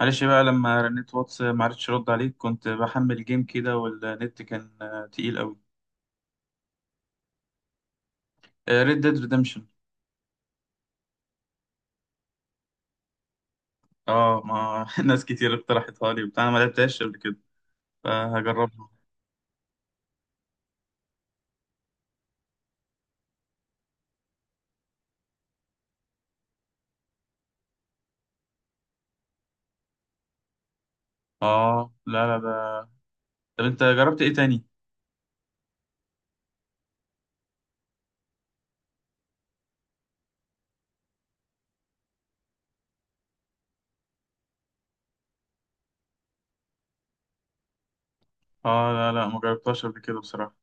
معلش بقى لما رنيت واتس ما عرفتش ارد عليك. كنت بحمل جيم كده والنت كان تقيل قوي. ريد ديد ريدمشن. اه Red Dead Redemption. آه، ما ناس كتير اقترحتها لي وبتاع، أنا ما لعبتهاش قبل كده فهجربها. اه، لا لا. ده طب انت جربت ايه تاني؟ اه لا لا، ما جربتهاش قبل كده بصراحة.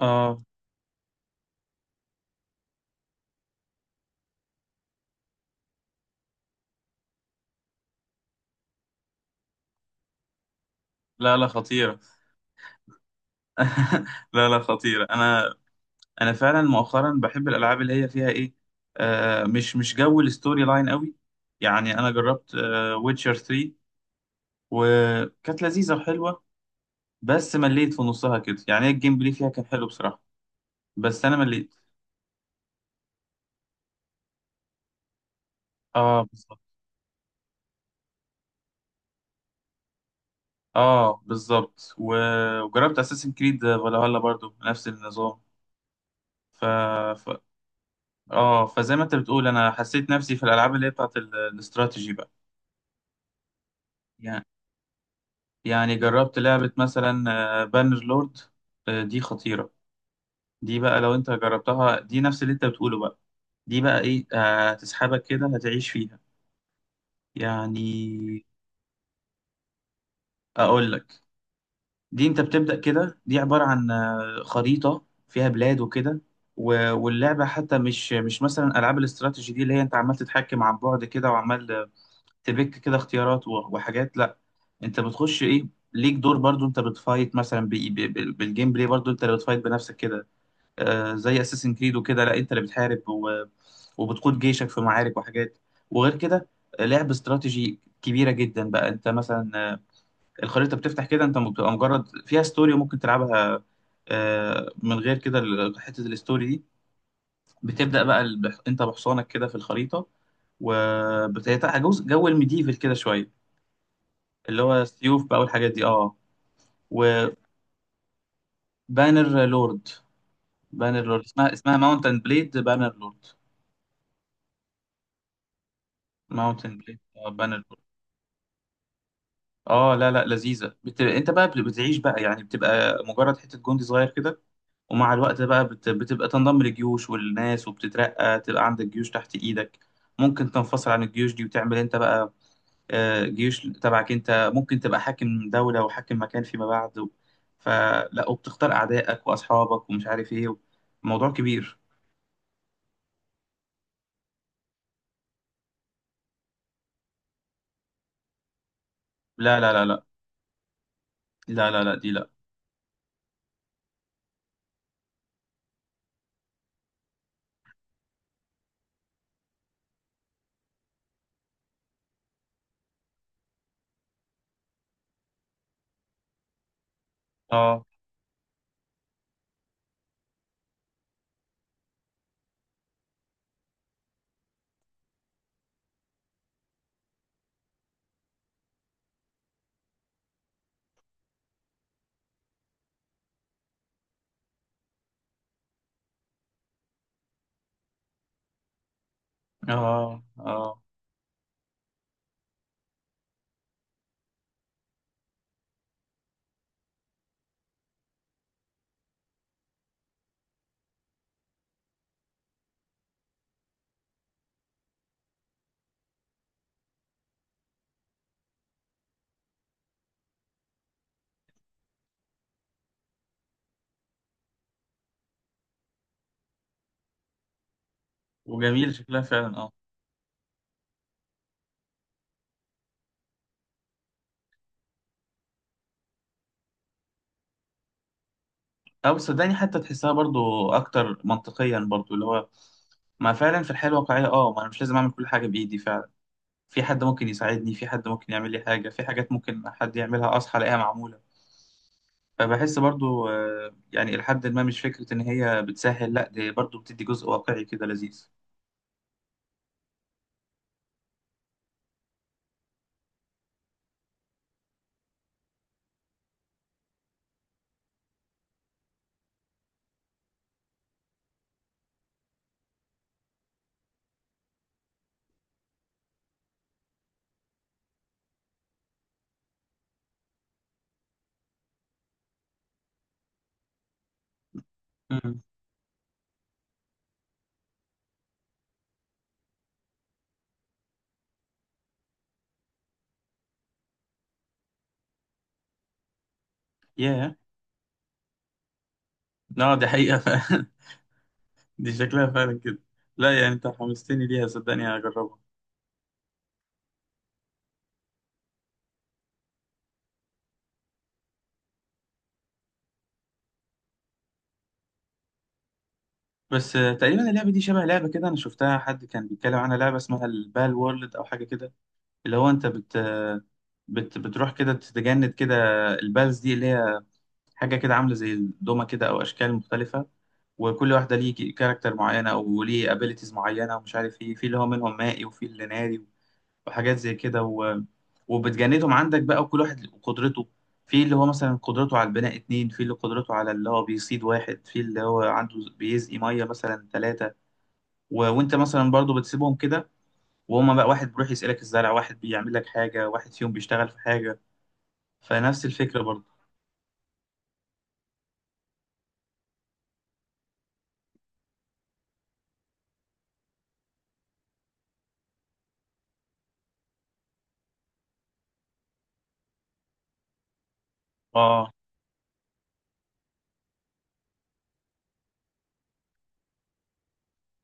اه لا لا، خطيرة. لا لا خطيرة. انا فعلا مؤخرا بحب الالعاب اللي هي فيها ايه، آه مش جو الستوري لاين قوي. يعني انا جربت ويتشر 3 وكانت لذيذة وحلوة، بس مليت في نصها كده. يعني هي الجيم بلاي فيها كان حلو بصراحة، بس أنا مليت. اه بالظبط. اه بالظبط وجربت أساسن كريد فالهالا برضو نفس النظام ف... ف... اه، فزي ما انت بتقول انا حسيت نفسي في الالعاب اللي هي بتاعت الاستراتيجي بقى. يعني يعني جربت لعبة مثلا بانر لورد، دي خطيرة. دي بقى لو انت جربتها دي نفس اللي انت بتقوله بقى. دي بقى ايه، هتسحبك كده، هتعيش فيها يعني. اقول لك، دي انت بتبدأ كده، دي عبارة عن خريطة فيها بلاد وكده. واللعبة حتى مش مثلا ألعاب الاستراتيجي دي، اللي هي انت عمال تتحكم عن بعد كده وعمال تبك كده اختيارات وحاجات. لا، انت بتخش ايه، ليك دور برضو. انت بتفايت مثلا بالجيم بلاي، برضو انت اللي بتفايت بنفسك كده. زي اساسن كريد وكده. لا، انت اللي بتحارب وبتقود جيشك في معارك وحاجات. وغير كده لعب استراتيجي كبيرة جدا بقى. انت مثلا، الخريطة بتفتح كده، انت بتبقى مجرد فيها ستوري وممكن تلعبها من غير كده حتة الستوري دي. بتبدأ بقى انت بحصانك كده في الخريطة، وبتاع جزء جو الميديفل كده شوية. اللي هو السيوف بقى والحاجات دي، اه. وبانر لورد، بانر لورد اسمها ماونتن بليد بانر لورد. ماونتن بليد، اه بانر لورد. اه لا لا، لذيذة. بت... انت بقى بتعيش بقى يعني. بتبقى مجرد حتة جندي صغير كده، ومع الوقت بقى بتبقى تنضم لجيوش والناس وبتترقى، تبقى عندك جيوش تحت ايدك. ممكن تنفصل عن الجيوش دي وتعمل انت بقى جيوش تبعك انت. ممكن تبقى حاكم دولة وحاكم مكان فيما بعد و- فلا، وبتختار اعدائك واصحابك ومش عارف ايه. موضوع كبير. لا لا لا لا، لا لا لا دي لا. اه اه اه، وجميل شكلها فعلا اه. اه بس صدقني حتى تحسها برضو اكتر منطقيا برضو اللي هو، ما فعلا في الحياة الواقعية، اه ما انا مش لازم اعمل كل حاجة بايدي فعلا. في حد ممكن يساعدني، في حد ممكن يعمل لي حاجة، في حاجات ممكن حد يعملها أصحى ألاقيها معمولة. فبحس برضو يعني لحد ما مش فكرة إن هي بتسهل، لأ دي برضو بتدي جزء واقعي كده لذيذ. مم. ياه، لا دي حقيقة فعلا. دي شكلها فعلا كده. لا يعني أنت حمستني ليها صدقني، هجربها. بس تقريبا اللعبة دي شبه لعبة كده أنا شفتها، حد كان بيتكلم عنها، لعبة اسمها البال وورلد أو حاجة كده. اللي هو أنت بت بت بتروح كده تتجند كده. البالز دي اللي هي حاجة كده عاملة زي الدومة كده أو أشكال مختلفة، وكل واحدة ليه كاركتر معينة أو ليه ابيليتيز معينة ومش عارف إيه. في اللي هو منهم مائي، وفي اللي ناري، وحاجات زي كده و... وبتجندهم عندك بقى. وكل واحد قدرته في اللي هو مثلا قدرته على البناء اتنين، في اللي قدرته على اللي هو بيصيد واحد، في اللي هو عنده بيسقي مية مثلا تلاتة. و... وأنت مثلا برضو بتسيبهم كده، وهما بقى واحد بيروح يسألك الزرع، واحد بيعمل لك حاجة، واحد فيهم بيشتغل في حاجة. فنفس الفكرة برضو. آه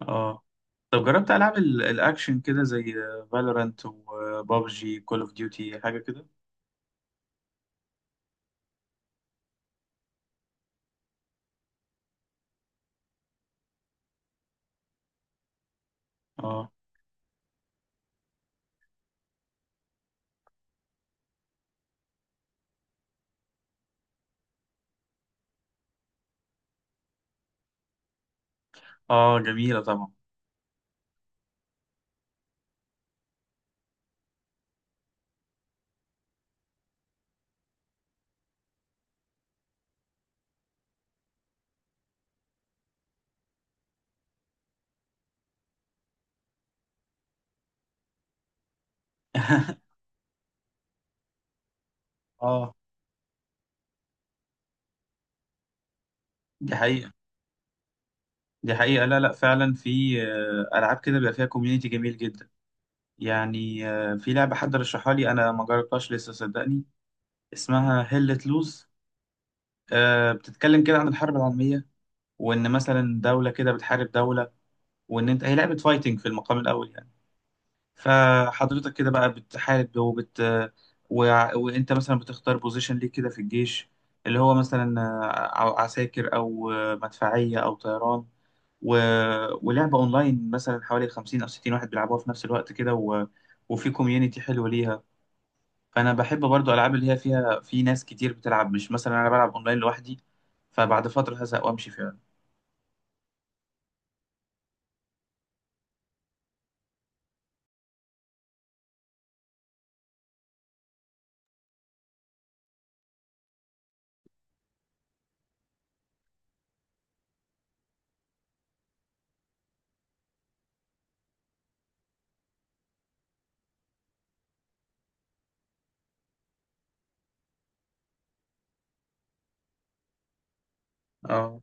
آه. طب جربت العاب الاكشن كده زي فالورانت وبابجي كول اوف ديوتي حاجه كده؟ اه اه جميله طبعا. اه دي حقيقه، دي حقيقه. لا لا فعلا في العاب كده بيبقى فيها كوميونتي جميل جدا. يعني في لعبه حد رشحها لي انا ما جربتهاش لسه صدقني، اسمها هيلة لوز. بتتكلم كده عن الحرب العالميه، وان مثلا دوله كده بتحارب دوله، وان انت هي لعبه فايتنج في المقام الاول يعني. فحضرتك كده بقى بتحارب وبت و... وانت مثلا بتختار بوزيشن ليك كده في الجيش، اللي هو مثلا عساكر او مدفعية او طيران و... ولعبة اونلاين مثلا حوالي 50 او 60 واحد بيلعبوها في نفس الوقت كده و... وفي كوميونتي حلو ليها. فانا بحب برضو العاب اللي هي فيها في ناس كتير بتلعب، مش مثلا انا بلعب اونلاين لوحدي فبعد فترة هزهق وامشي فعلا. اه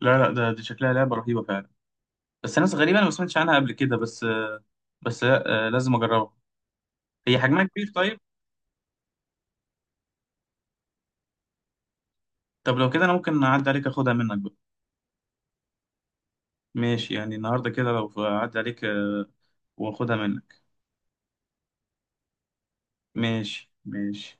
لا لا ده، دي شكلها لعبة رهيبة فعلا، بس ناس غريبة أنا ما سمعتش عنها قبل كده. بس بس لازم أجربها. هي حجمها كبير طيب؟ طب لو كده أنا ممكن أعدي عليك أخدها منك بقى. ماشي، يعني النهاردة كده لو أعدي عليك وأخدها منك. ماشي ماشي.